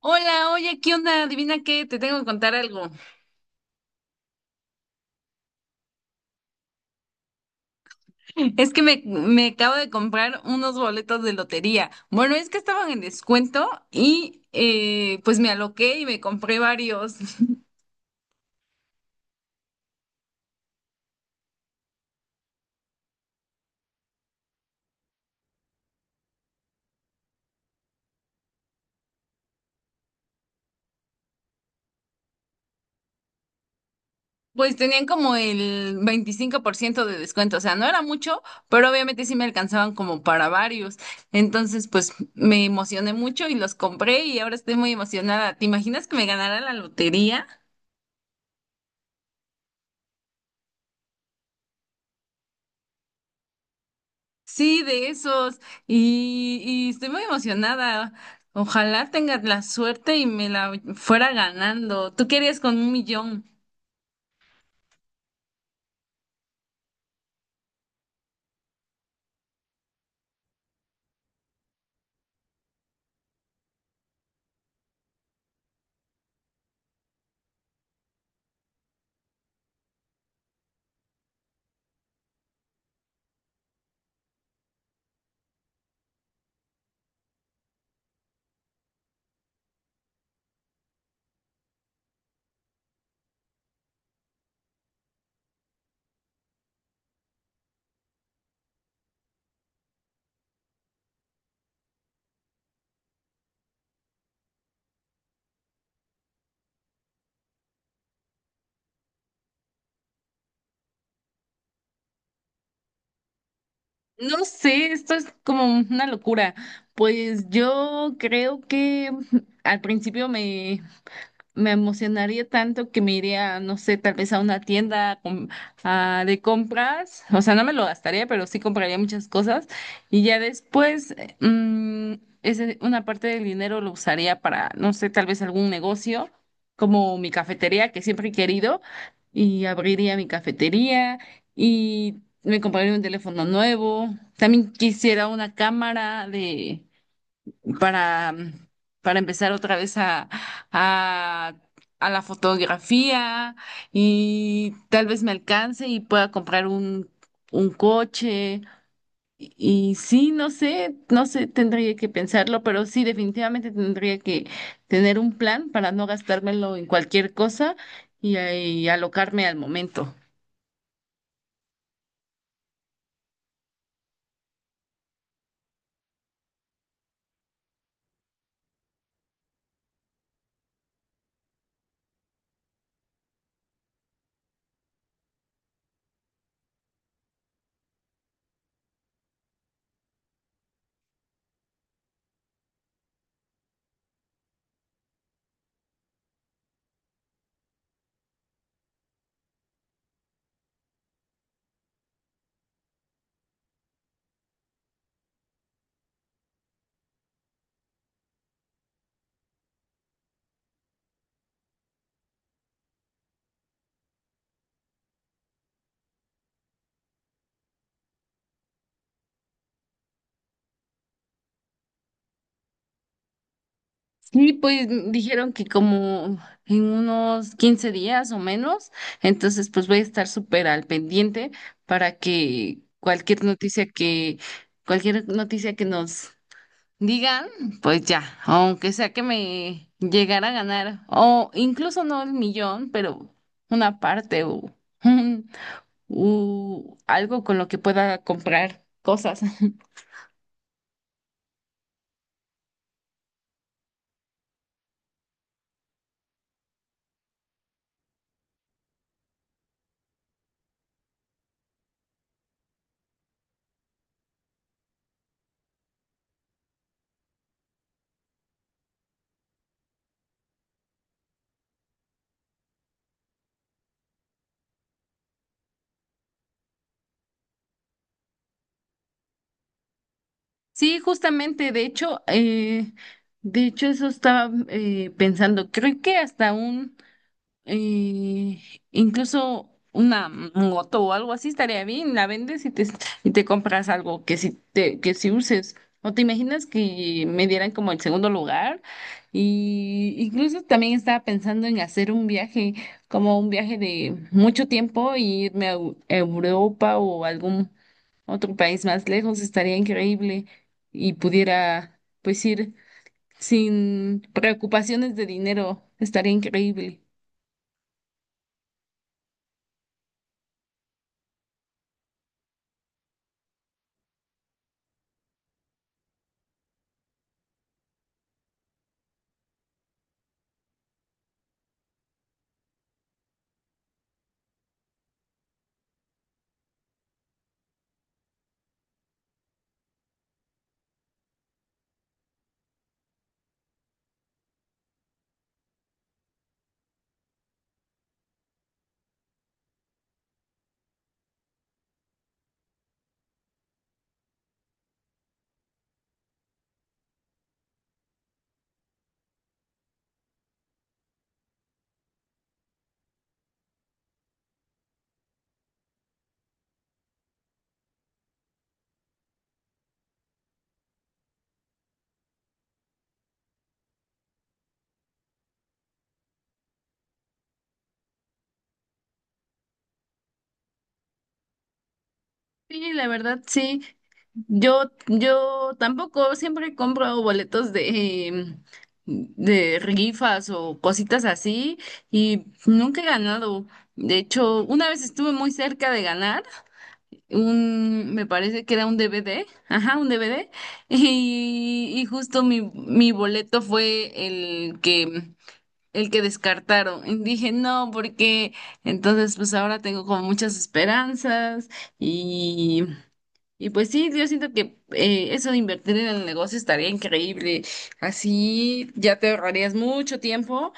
Hola, oye, ¿qué onda? Adivina qué, te tengo que contar algo. Es que me acabo de comprar unos boletos de lotería. Bueno, es que estaban en descuento y pues me aloqué y me compré varios. Pues tenían como el 25% de descuento, o sea, no era mucho, pero obviamente sí me alcanzaban como para varios. Entonces, pues me emocioné mucho y los compré y ahora estoy muy emocionada. ¿Te imaginas que me ganara la lotería? Sí, de esos. Y estoy muy emocionada. Ojalá tengas la suerte y me la fuera ganando. Tú querías con un millón. No sé, esto es como una locura. Pues yo creo que al principio me emocionaría tanto que me iría, no sé, tal vez a una tienda a de compras, o sea, no me lo gastaría, pero sí compraría muchas cosas y ya después mm, una parte del dinero lo usaría para, no sé, tal vez algún negocio como mi cafetería que siempre he querido y abriría mi cafetería y me compraría un teléfono nuevo. También quisiera una cámara para, para empezar otra vez a, a la fotografía y tal vez me alcance y pueda comprar un coche. Y, sí, no sé, tendría que pensarlo, pero sí, definitivamente tendría que tener un plan para no gastármelo en cualquier cosa y alocarme al momento. Sí, pues dijeron que como en unos 15 días o menos, entonces pues voy a estar súper al pendiente para que cualquier noticia que nos digan, pues ya, aunque sea que me llegara a ganar, o incluso no el millón, pero una parte o, o algo con lo que pueda comprar cosas. Sí, justamente, de hecho eso estaba pensando, creo que hasta eh, incluso una moto o algo así estaría bien, la vendes y te compras algo que si uses. ¿O te imaginas que me dieran como el segundo lugar? Y incluso también estaba pensando en hacer un viaje, como un viaje de mucho tiempo, y irme a Europa o algún otro país más lejos, estaría increíble y pudiera pues ir sin preocupaciones de dinero, estaría increíble. Sí, la verdad, sí. Yo tampoco siempre compro boletos de rifas o cositas así y nunca he ganado. De hecho, una vez estuve muy cerca de ganar, me parece que era un DVD, ajá, un DVD, y justo mi boleto fue el que descartaron. Y dije, no, porque entonces pues ahora tengo como muchas esperanzas y, y pues sí, yo siento que eso de invertir en el negocio estaría increíble. Así ya te ahorrarías mucho tiempo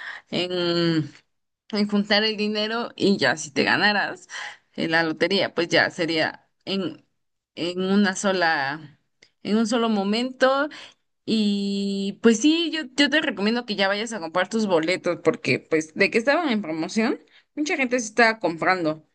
en juntar el dinero y ya si te ganaras la lotería, pues ya sería en una sola, en un solo momento. Y pues sí, yo te recomiendo que ya vayas a comprar tus boletos, porque pues de que estaban en promoción, mucha gente se estaba comprando.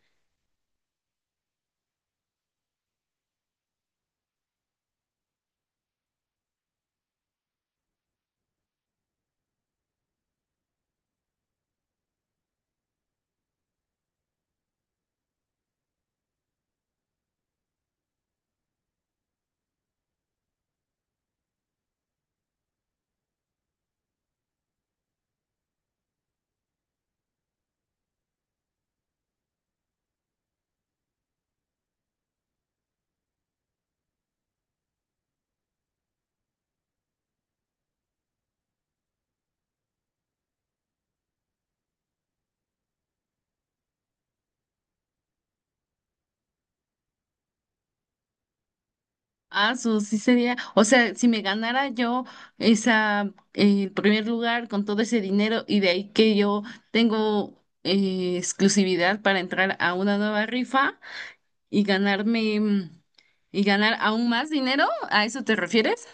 Ah, eso sí sería, o sea, si me ganara yo el primer lugar con todo ese dinero y de ahí que yo tengo exclusividad para entrar a una nueva rifa y y ganar aún más dinero, ¿a eso te refieres?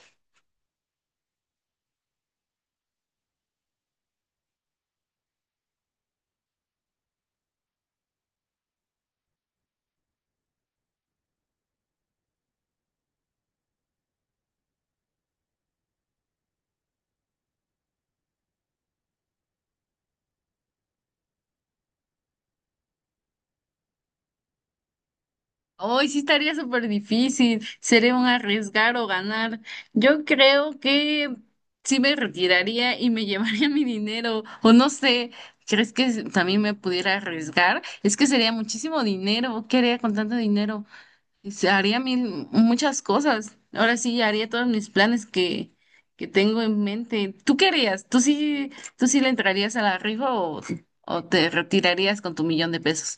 Hoy sí estaría súper difícil, sería un arriesgar o ganar. Yo creo que sí me retiraría y me llevaría mi dinero, o no sé, ¿crees que también me pudiera arriesgar? Es que sería muchísimo dinero, ¿qué haría con tanto dinero? Se haría muchas cosas. Ahora sí, haría todos mis planes que tengo en mente. ¿Tú qué harías? ¿Tú sí le entrarías a la rifa o te retirarías con tu millón de pesos?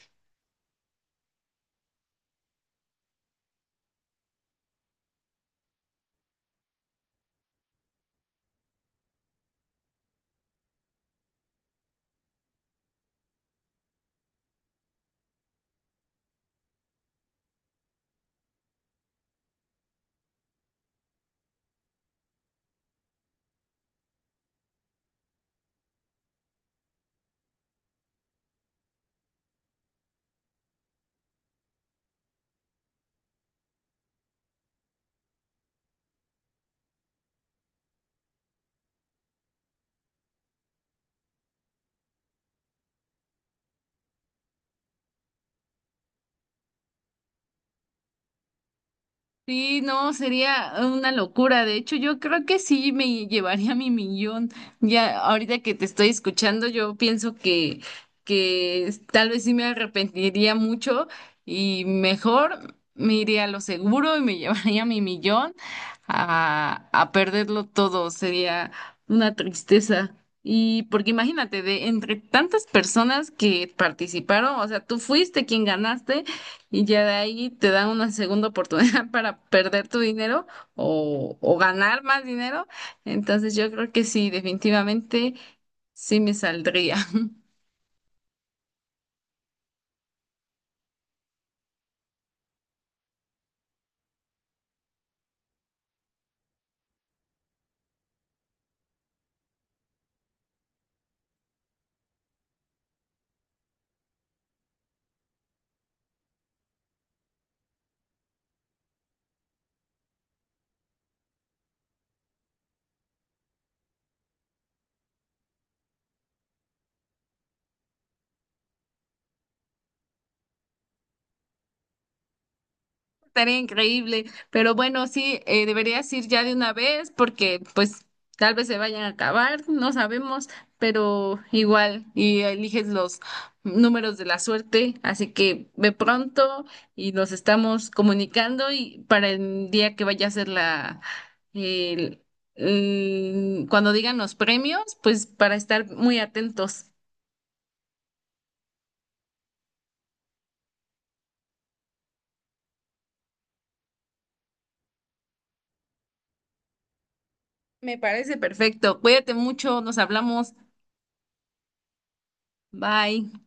Sí, no, sería una locura. De hecho, yo creo que sí me llevaría mi millón. Ya ahorita que te estoy escuchando, yo pienso que tal vez sí me arrepentiría mucho y mejor me iría a lo seguro y me llevaría mi millón a perderlo todo. Sería una tristeza. Y porque imagínate, de entre tantas personas que participaron, o sea, tú fuiste quien ganaste. Y ya de ahí te dan una segunda oportunidad para perder tu dinero o ganar más dinero. Entonces yo creo que sí, definitivamente sí me saldría. Estaría increíble, pero bueno, sí, deberías ir ya de una vez porque pues tal vez se vayan a acabar, no sabemos, pero igual y eliges los números de la suerte, así que ve pronto y nos estamos comunicando y para el día que vaya a ser el- cuando digan los premios, pues para estar muy atentos. Me parece perfecto. Cuídate mucho, nos hablamos. Bye.